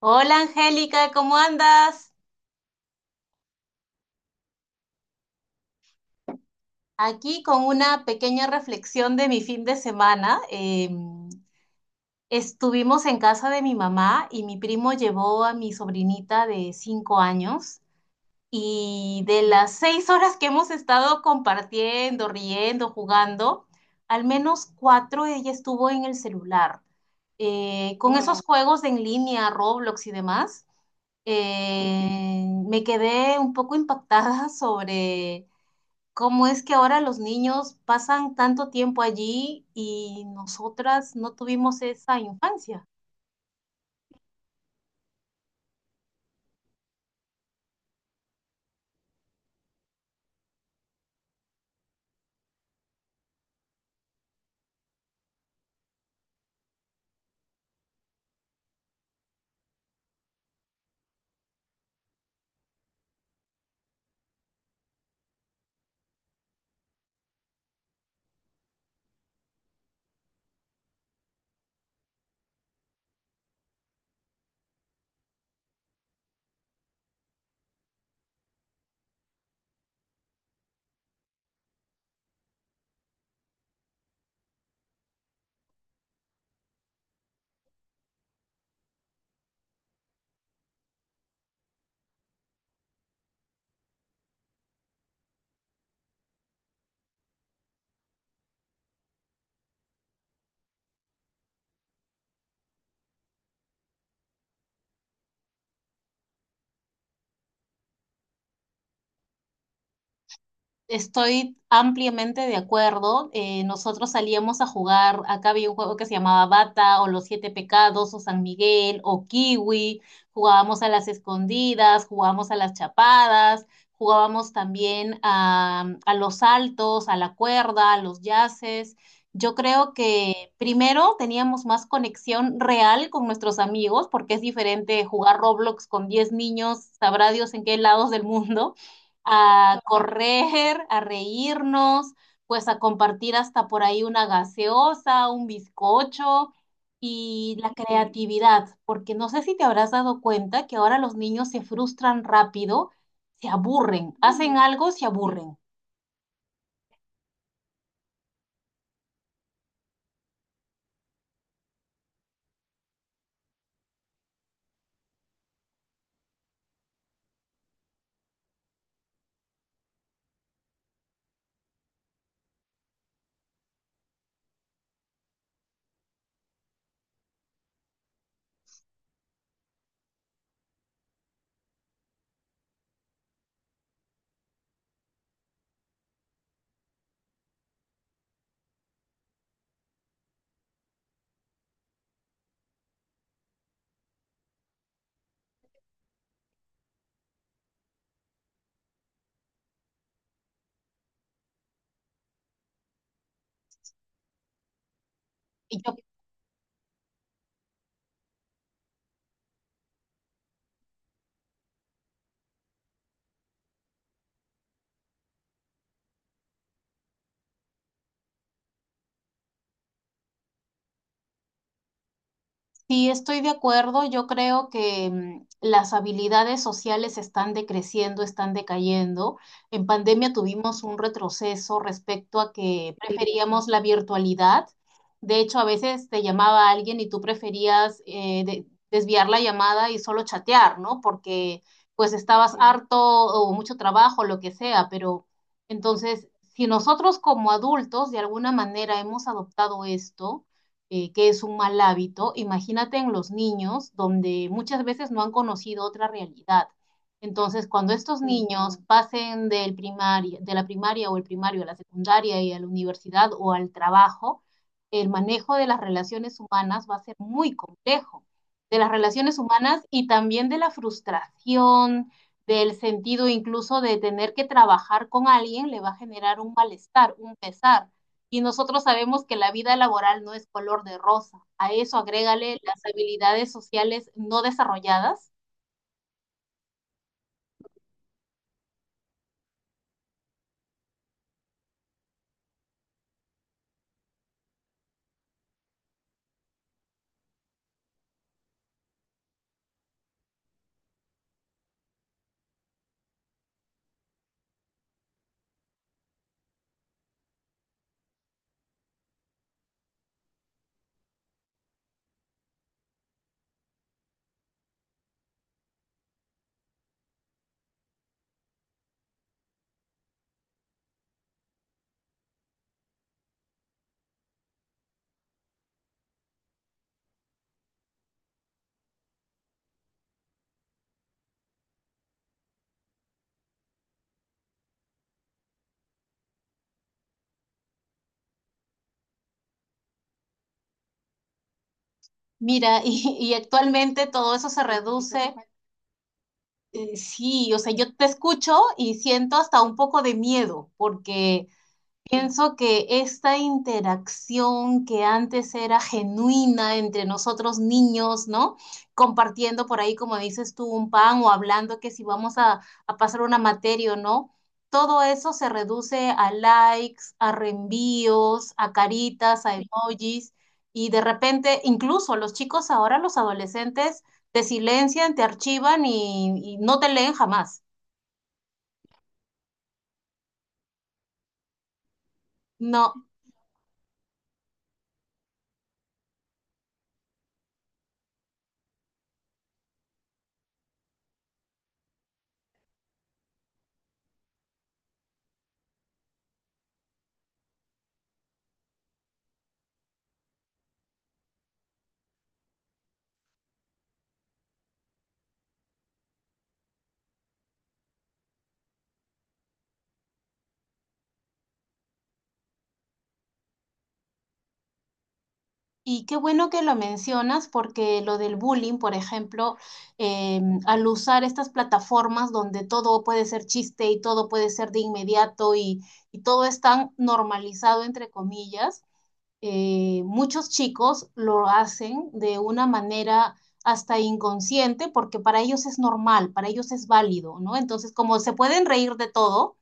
Hola Angélica, ¿cómo andas? Aquí con una pequeña reflexión de mi fin de semana. Estuvimos en casa de mi mamá y mi primo llevó a mi sobrinita de 5 años, y de las 6 horas que hemos estado compartiendo, riendo, jugando, al menos cuatro ella estuvo en el celular. Con esos juegos de en línea, Roblox y demás, me quedé un poco impactada sobre ¿cómo es que ahora los niños pasan tanto tiempo allí y nosotras no tuvimos esa infancia? Estoy ampliamente de acuerdo. Nosotros salíamos a jugar, acá había un juego que se llamaba Bata o Los Siete Pecados o San Miguel o Kiwi, jugábamos a las escondidas, jugábamos a las chapadas, jugábamos también a los saltos, a la cuerda, a los yaces. Yo creo que primero teníamos más conexión real con nuestros amigos, porque es diferente jugar Roblox con 10 niños, sabrá Dios en qué lados del mundo, a correr, a reírnos, pues a compartir hasta por ahí una gaseosa, un bizcocho y la creatividad, porque no sé si te habrás dado cuenta que ahora los niños se frustran rápido, se aburren, hacen algo, se aburren. Y yo, sí, estoy de acuerdo. Yo creo que las habilidades sociales están decreciendo, están decayendo. En pandemia tuvimos un retroceso respecto a que, sí, preferíamos la virtualidad. De hecho, a veces te llamaba alguien y tú preferías desviar la llamada y solo chatear, ¿no? Porque pues estabas, sí, harto o mucho trabajo, lo que sea. Pero entonces, si nosotros como adultos de alguna manera hemos adoptado esto, que es un mal hábito, imagínate en los niños donde muchas veces no han conocido otra realidad. Entonces, cuando estos niños, sí, pasen del primaria, de la primaria o el primario a la secundaria y a la universidad o al trabajo, el manejo de las relaciones humanas va a ser muy complejo. De las relaciones humanas y también de la frustración, del sentido incluso de tener que trabajar con alguien, le va a generar un malestar, un pesar. Y nosotros sabemos que la vida laboral no es color de rosa. A eso agrégale las habilidades sociales no desarrolladas. Mira, y actualmente todo eso se reduce. Sí, o sea, yo te escucho y siento hasta un poco de miedo, porque pienso que esta interacción que antes era genuina entre nosotros niños, ¿no? Compartiendo por ahí, como dices tú, un pan o hablando que si vamos a pasar una materia o no, todo eso se reduce a likes, a reenvíos, a caritas, a emojis, y de repente incluso los chicos ahora, los adolescentes, te silencian, te archivan y no te leen jamás. No. Y qué bueno que lo mencionas, porque lo del bullying, por ejemplo, eh, al usar estas plataformas donde todo puede ser chiste y todo puede ser de inmediato y todo es tan normalizado, entre comillas, muchos chicos lo hacen de una manera hasta inconsciente, porque para ellos es normal, para ellos es válido, ¿no? Entonces, como se pueden reír de todo,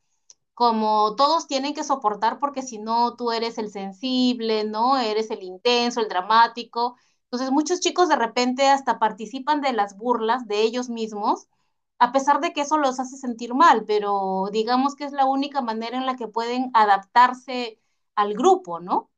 como todos tienen que soportar porque si no tú eres el sensible, ¿no? Eres el intenso, el dramático. Entonces muchos chicos de repente hasta participan de las burlas de ellos mismos, a pesar de que eso los hace sentir mal, pero digamos que es la única manera en la que pueden adaptarse al grupo, ¿no?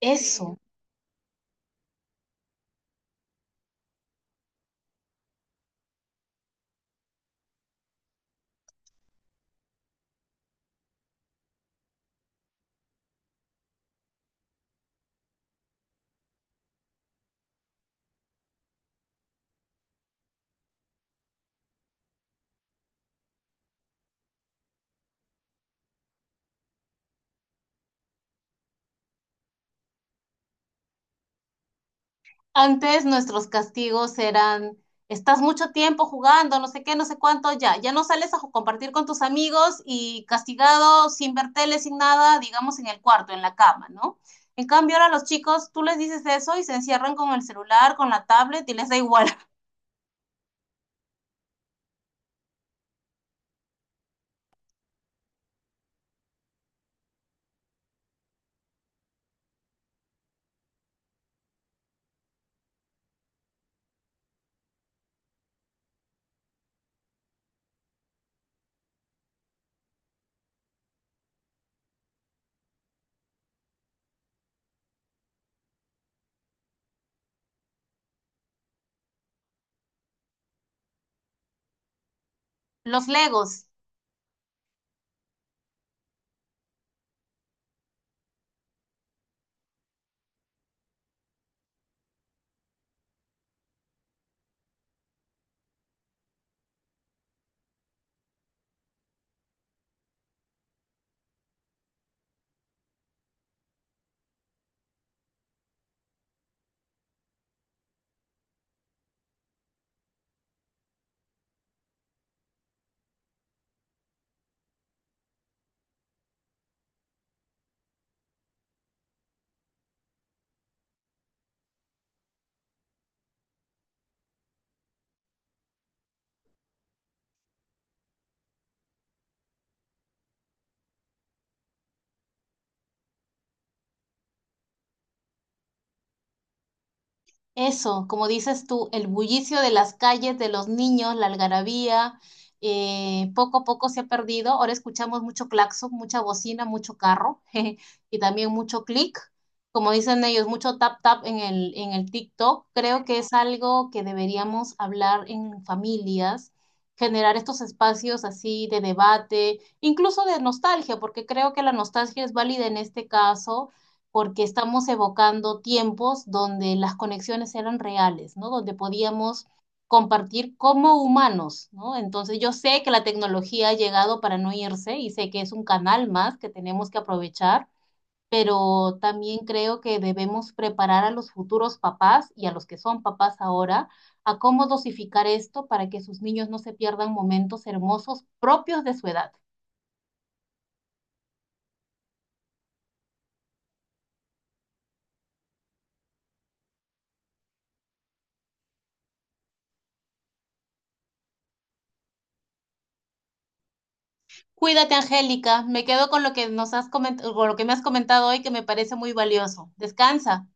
Eso. Antes nuestros castigos eran: estás mucho tiempo jugando, no sé qué, no sé cuánto, ya, ya no sales a compartir con tus amigos y castigado sin ver tele, sin nada, digamos en el cuarto, en la cama, ¿no? En cambio ahora los chicos, tú les dices eso y se encierran con el celular, con la tablet y les da igual. Los Legos. Eso, como dices tú, el bullicio de las calles, de los niños, la algarabía, poco a poco se ha perdido. Ahora escuchamos mucho claxon, mucha bocina, mucho carro jeje, y también mucho clic, como dicen ellos, mucho tap tap en en el TikTok. Creo que es algo que deberíamos hablar en familias, generar estos espacios así de debate, incluso de nostalgia, porque creo que la nostalgia es válida en este caso porque estamos evocando tiempos donde las conexiones eran reales, ¿no? Donde podíamos compartir como humanos, ¿no? Entonces yo sé que la tecnología ha llegado para no irse y sé que es un canal más que tenemos que aprovechar, pero también creo que debemos preparar a los futuros papás y a los que son papás ahora a cómo dosificar esto para que sus niños no se pierdan momentos hermosos propios de su edad. Cuídate, Angélica. Me quedo con lo que nos has comentado, con lo que me has comentado hoy, que me parece muy valioso. Descansa.